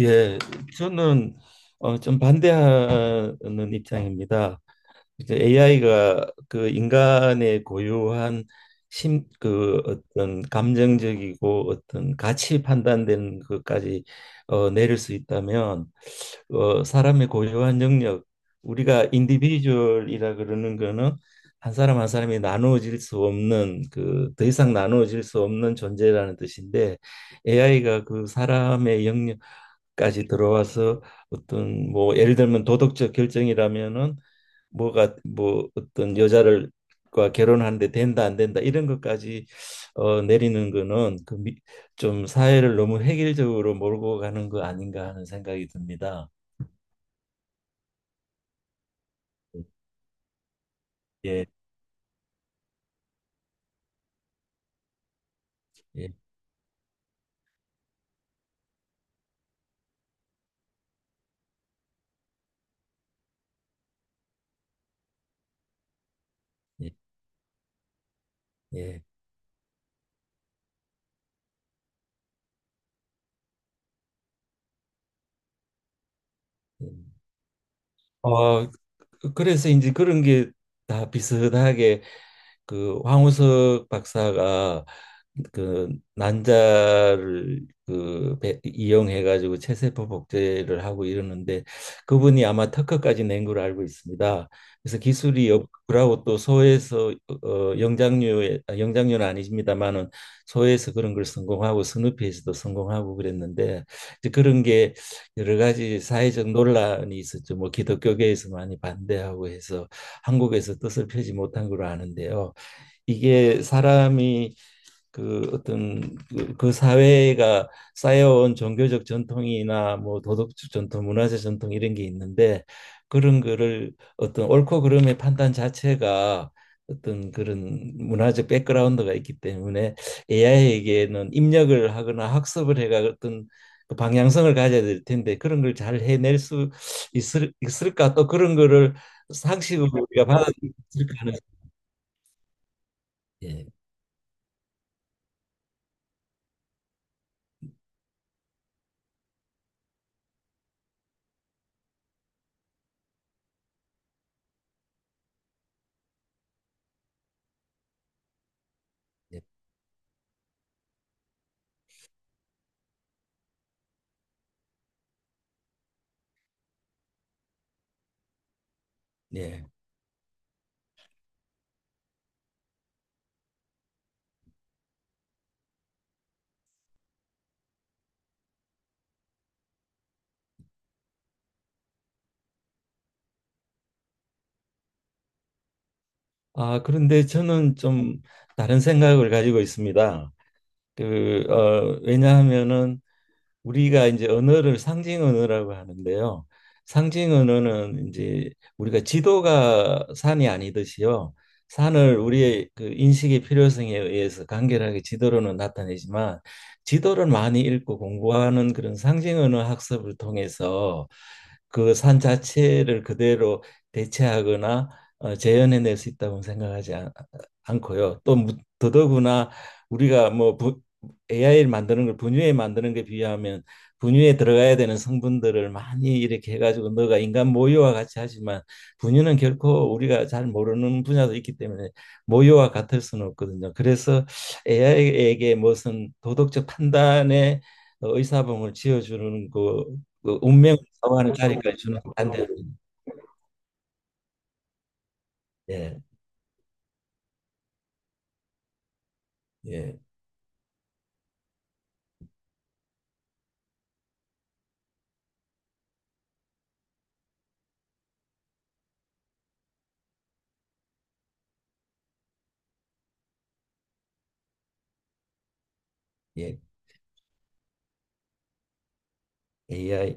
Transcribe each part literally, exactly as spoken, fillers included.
예, 저는 어, 좀 반대하는 입장입니다. 이제 에이아이가 그 인간의 고유한 심, 그 어떤 감정적이고 어떤 가치 판단되는 것까지 어, 내릴 수 있다면, 어, 사람의 고유한 영역, 우리가 인디비주얼이라 그러는 거는 한 사람 한 사람이 나누어질 수 없는 그 더 이상 나누어질 수 없는 존재라는 뜻인데, 에이아이가 그 사람의 영역 까지 들어와서 어떤 뭐 예를 들면 도덕적 결정이라면은 뭐가 뭐 어떤 여자를 과 결혼하는데 된다 안 된다 이런 것까지 어 내리는 거는 그 미- 좀 사회를 너무 획일적으로 몰고 가는 거 아닌가 하는 생각이 듭니다. 예, 예, 예, 예. 음. 어, 그, 그래서 이제 그런 게 다 비슷하게, 그 황우석 박사가 그 난자를 그 배- 이용해 가지고 체세포 복제를 하고 이러는데, 그분이 아마 특허까지 낸 걸로 알고 있습니다. 그래서 기술이 없고 또 소에서 어, 어, 영장류에 아, 영장류는 아니십니다만은, 소에서 그런 걸 성공하고 스누피에서도 성공하고 그랬는데, 이제 그런 게 여러 가지 사회적 논란이 있었죠. 뭐 기독교계에서 많이 반대하고 해서 한국에서 뜻을 펴지 못한 걸로 아는데요. 이게 사람이 그 어떤 그, 그 사회가 쌓여온 종교적 전통이나 뭐 도덕적 전통, 문화적 전통 이런 게 있는데, 그런 거를 어떤 옳고 그름의 판단 자체가 어떤 그런 문화적 백그라운드가 있기 때문에 에이아이에게는 입력을 하거나 학습을 해가 어떤 그 방향성을 가져야 될 텐데, 그런 걸 잘 해낼 수 있을, 있을까, 또 그런 거를 상식으로 우리가 받아들일 수 있을까 하는. 예, 예. 예. 아, 그런데 저는 좀 다른 생각을 가지고 있습니다. 그, 어, 왜냐하면은 우리가 이제 언어를 상징 언어라고 하는데요. 상징 언어는 이제, 우리가 지도가 산이 아니듯이요, 산을 우리의 그 인식의 필요성에 의해서 간결하게 지도로는 나타내지만, 지도를 많이 읽고 공부하는 그런 상징 언어 학습을 통해서 그 산 자체를 그대로 대체하거나 어, 재현해낼 수 있다고 생각하지 않, 고요또 무- 더더구나, 우리가 뭐 부- 에이아이를 만드는 걸 분유에 만드는 게 비하면, 분유에 들어가야 되는 성분들을 많이 이렇게 해가지고 너가 인간 모유와 같이 하지만, 분유는 결코 우리가 잘 모르는 분야도 있기 때문에 모유와 같을 수는 없거든요. 그래서 에이아이에게 무슨 도덕적 판단에 의사봉을 지어주는 그, 그 운명을 정하는 자리까지 주는 건 반대로. 예, 예, 예, 에이아이.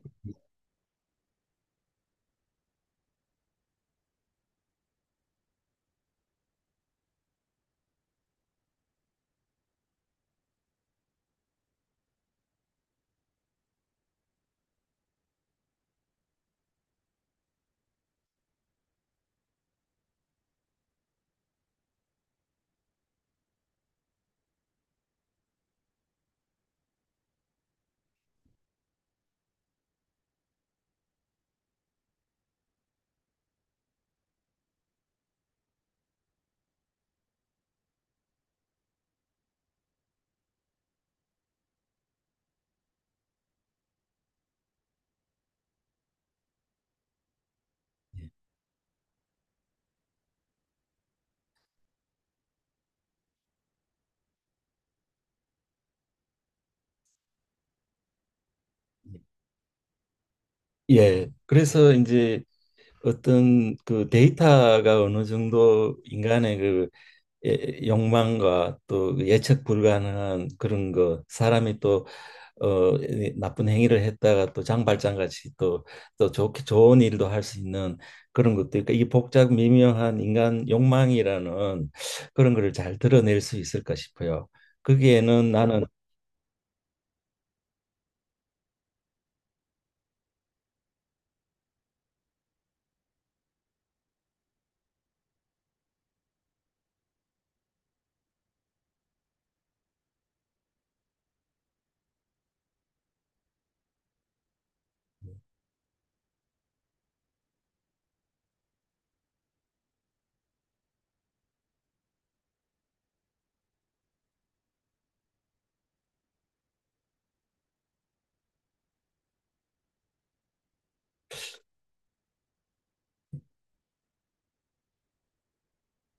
예. 예, 그래서 이제 어떤 그 데이터가 어느 정도 인간의 그 예- 욕망과 또 그 예측 불가능한 그런 거, 사람이 또 어, 이 나쁜 행위를 했다가 또 장발장 같이 또 또 좋게 좋은 일도 할 수 있는, 그런 것도 있고 이 복잡 미묘한 인간 욕망이라는, 그런 거를 잘 드러낼 수 있을까 싶어요. 거기에는 나는.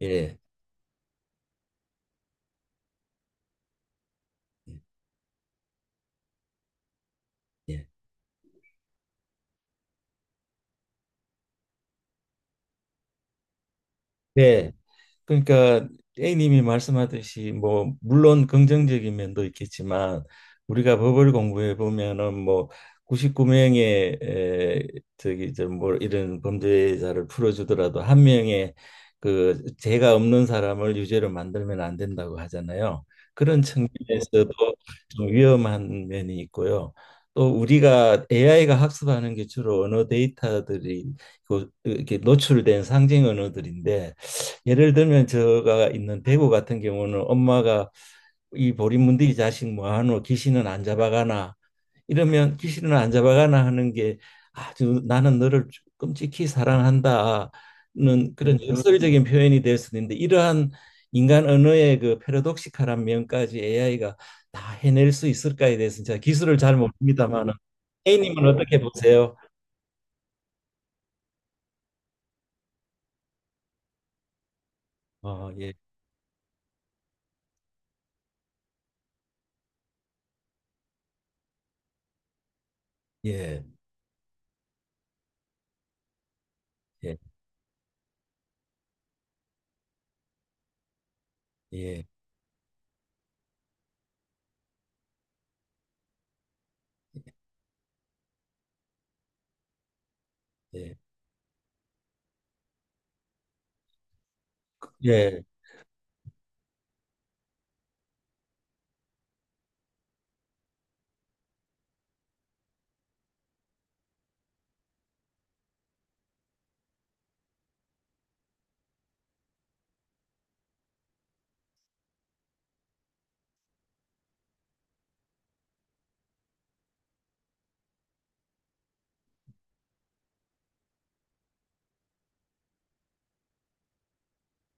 예, 예. 예. 네. 그러니까 A님이 말씀하듯이 뭐 물론 긍정적인 면도 있겠지만, 우리가 법을 공부해 보면은 뭐 구십구 명의 에, 저기 저 뭐 이런 범죄자를 풀어주더라도 한 명의 그 죄가 없는 사람을 유죄로 만들면 안 된다고 하잖아요. 그런 측면에서도 좀 위험한 면이 있고요. 또 우리가 에이아이가 학습하는 게 주로 언어 데이터들이 그- 이렇게 노출된 상징 언어들인데, 예를 들면 제가 있는 대구 같은 경우는 엄마가 이 보리문들이 자식 뭐하노, 귀신은 안 잡아가나 이러면, 귀신은 안 잡아가나 하는 게 아주 나는 너를 끔찍히 사랑한다는 그런 역설적인 표현이 될 수 있는데, 이러한 인간 언어의 그 패러독시칼한 면까지 에이아이가 다 해낼 수 있을까에 대해서는 제가 기술을 잘 모릅니다만은, A님은 어떻게 보세요? 어, 예, 예, 예, 예, 예, 예,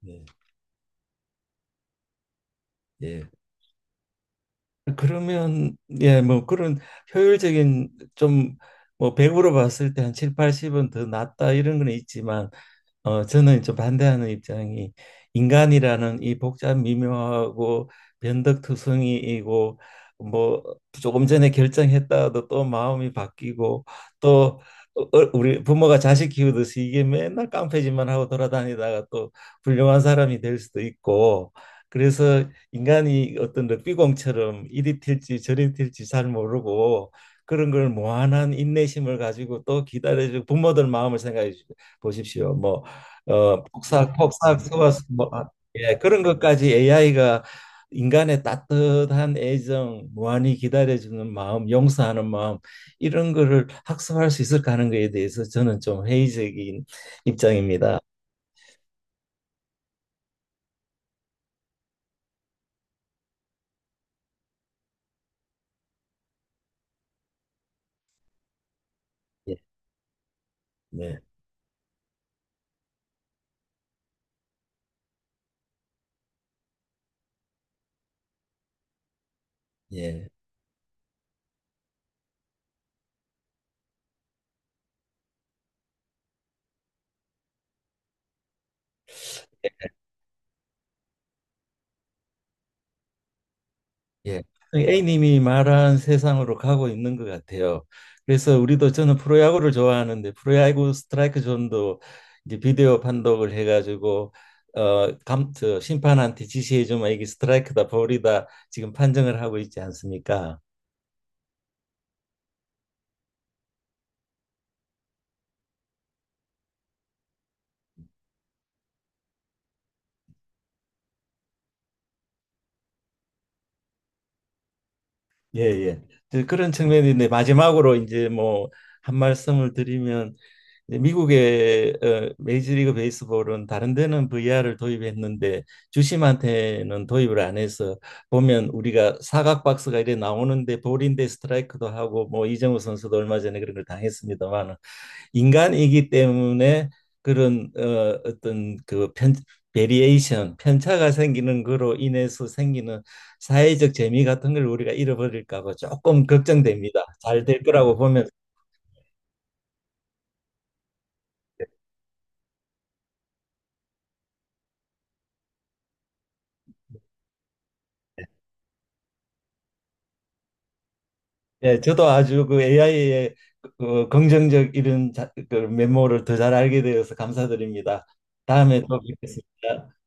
예. 예. 그러면 예, 뭐 그런 효율적인 좀, 뭐 백으로 봤을 때 한 칠십, 팔십은 더 낫다 이런 건 있지만, 어 저는 좀 반대하는 입장이, 인간이라는 이 복잡 미묘하고 변덕투성이이고, 뭐 조금 전에 결정했다가도 또 마음이 바뀌고, 또 어, 어, 우리 부모가 자식 키우듯이 이게 맨날 깡패짓만 하고 돌아다니다가 또 훌륭한 사람이 될 수도 있고, 그래서 인간이 어떤 럭비공처럼 이리 튈지 저리 튈지 잘 모르고, 그런 걸 무한한 인내심을 가지고 또 기다려주고, 부모들 마음을 생각해 주- 보십시오. 뭐 어, 폭삭 폭삭 쏘아서 뭐, 아, 예, 그런 것까지 에이아이가 인간의 따뜻한 애정, 무한히 기다려주는 마음, 용서하는 마음, 이런 거를 학습할 수 있을까 하는 거에 대해서 저는 좀 회의적인 입장입니다. 예, 네, 예. 예. A님이 말한 세상으로 가고 있는 것 같아요. 그래서 우리도, 저는 프로야구를 좋아하는데, 프로야구 스트라이크 존도 이제 비디오 판독을 해가지고 어, 감, 저 심판한테 지시해주면 이게 스트라이크다 볼이다 지금 판정을 하고 있지 않습니까? 예, 예. 이제 그런 측면인데, 마지막으로 이제 뭐 한 말씀을 드리면, 이제 미국의 어, 메이저리그 베이스볼은 다른 데는 브이알을 도입했는데 주심한테는 도입을 안 해서, 보면 우리가 사각 박스가 이래 나오는데, 볼인데 스트라이크도 하고, 뭐 이정우 선수도 얼마 전에 그런 걸 당했습니다만, 인간이기 때문에 그런 어, 어떤 그 편, 베리에이션, 편차가 생기는 거로 인해서 생기는 사회적 재미 같은 걸 우리가 잃어버릴까 봐 조금 걱정됩니다. 잘 될 거라고 보면. 예, 저도 아주 그 에이아이의 그 어, 긍정적 이런 자, 그 면모를 더 잘 알게 되어서 감사드립니다. 다음에 또 뵙겠습니다.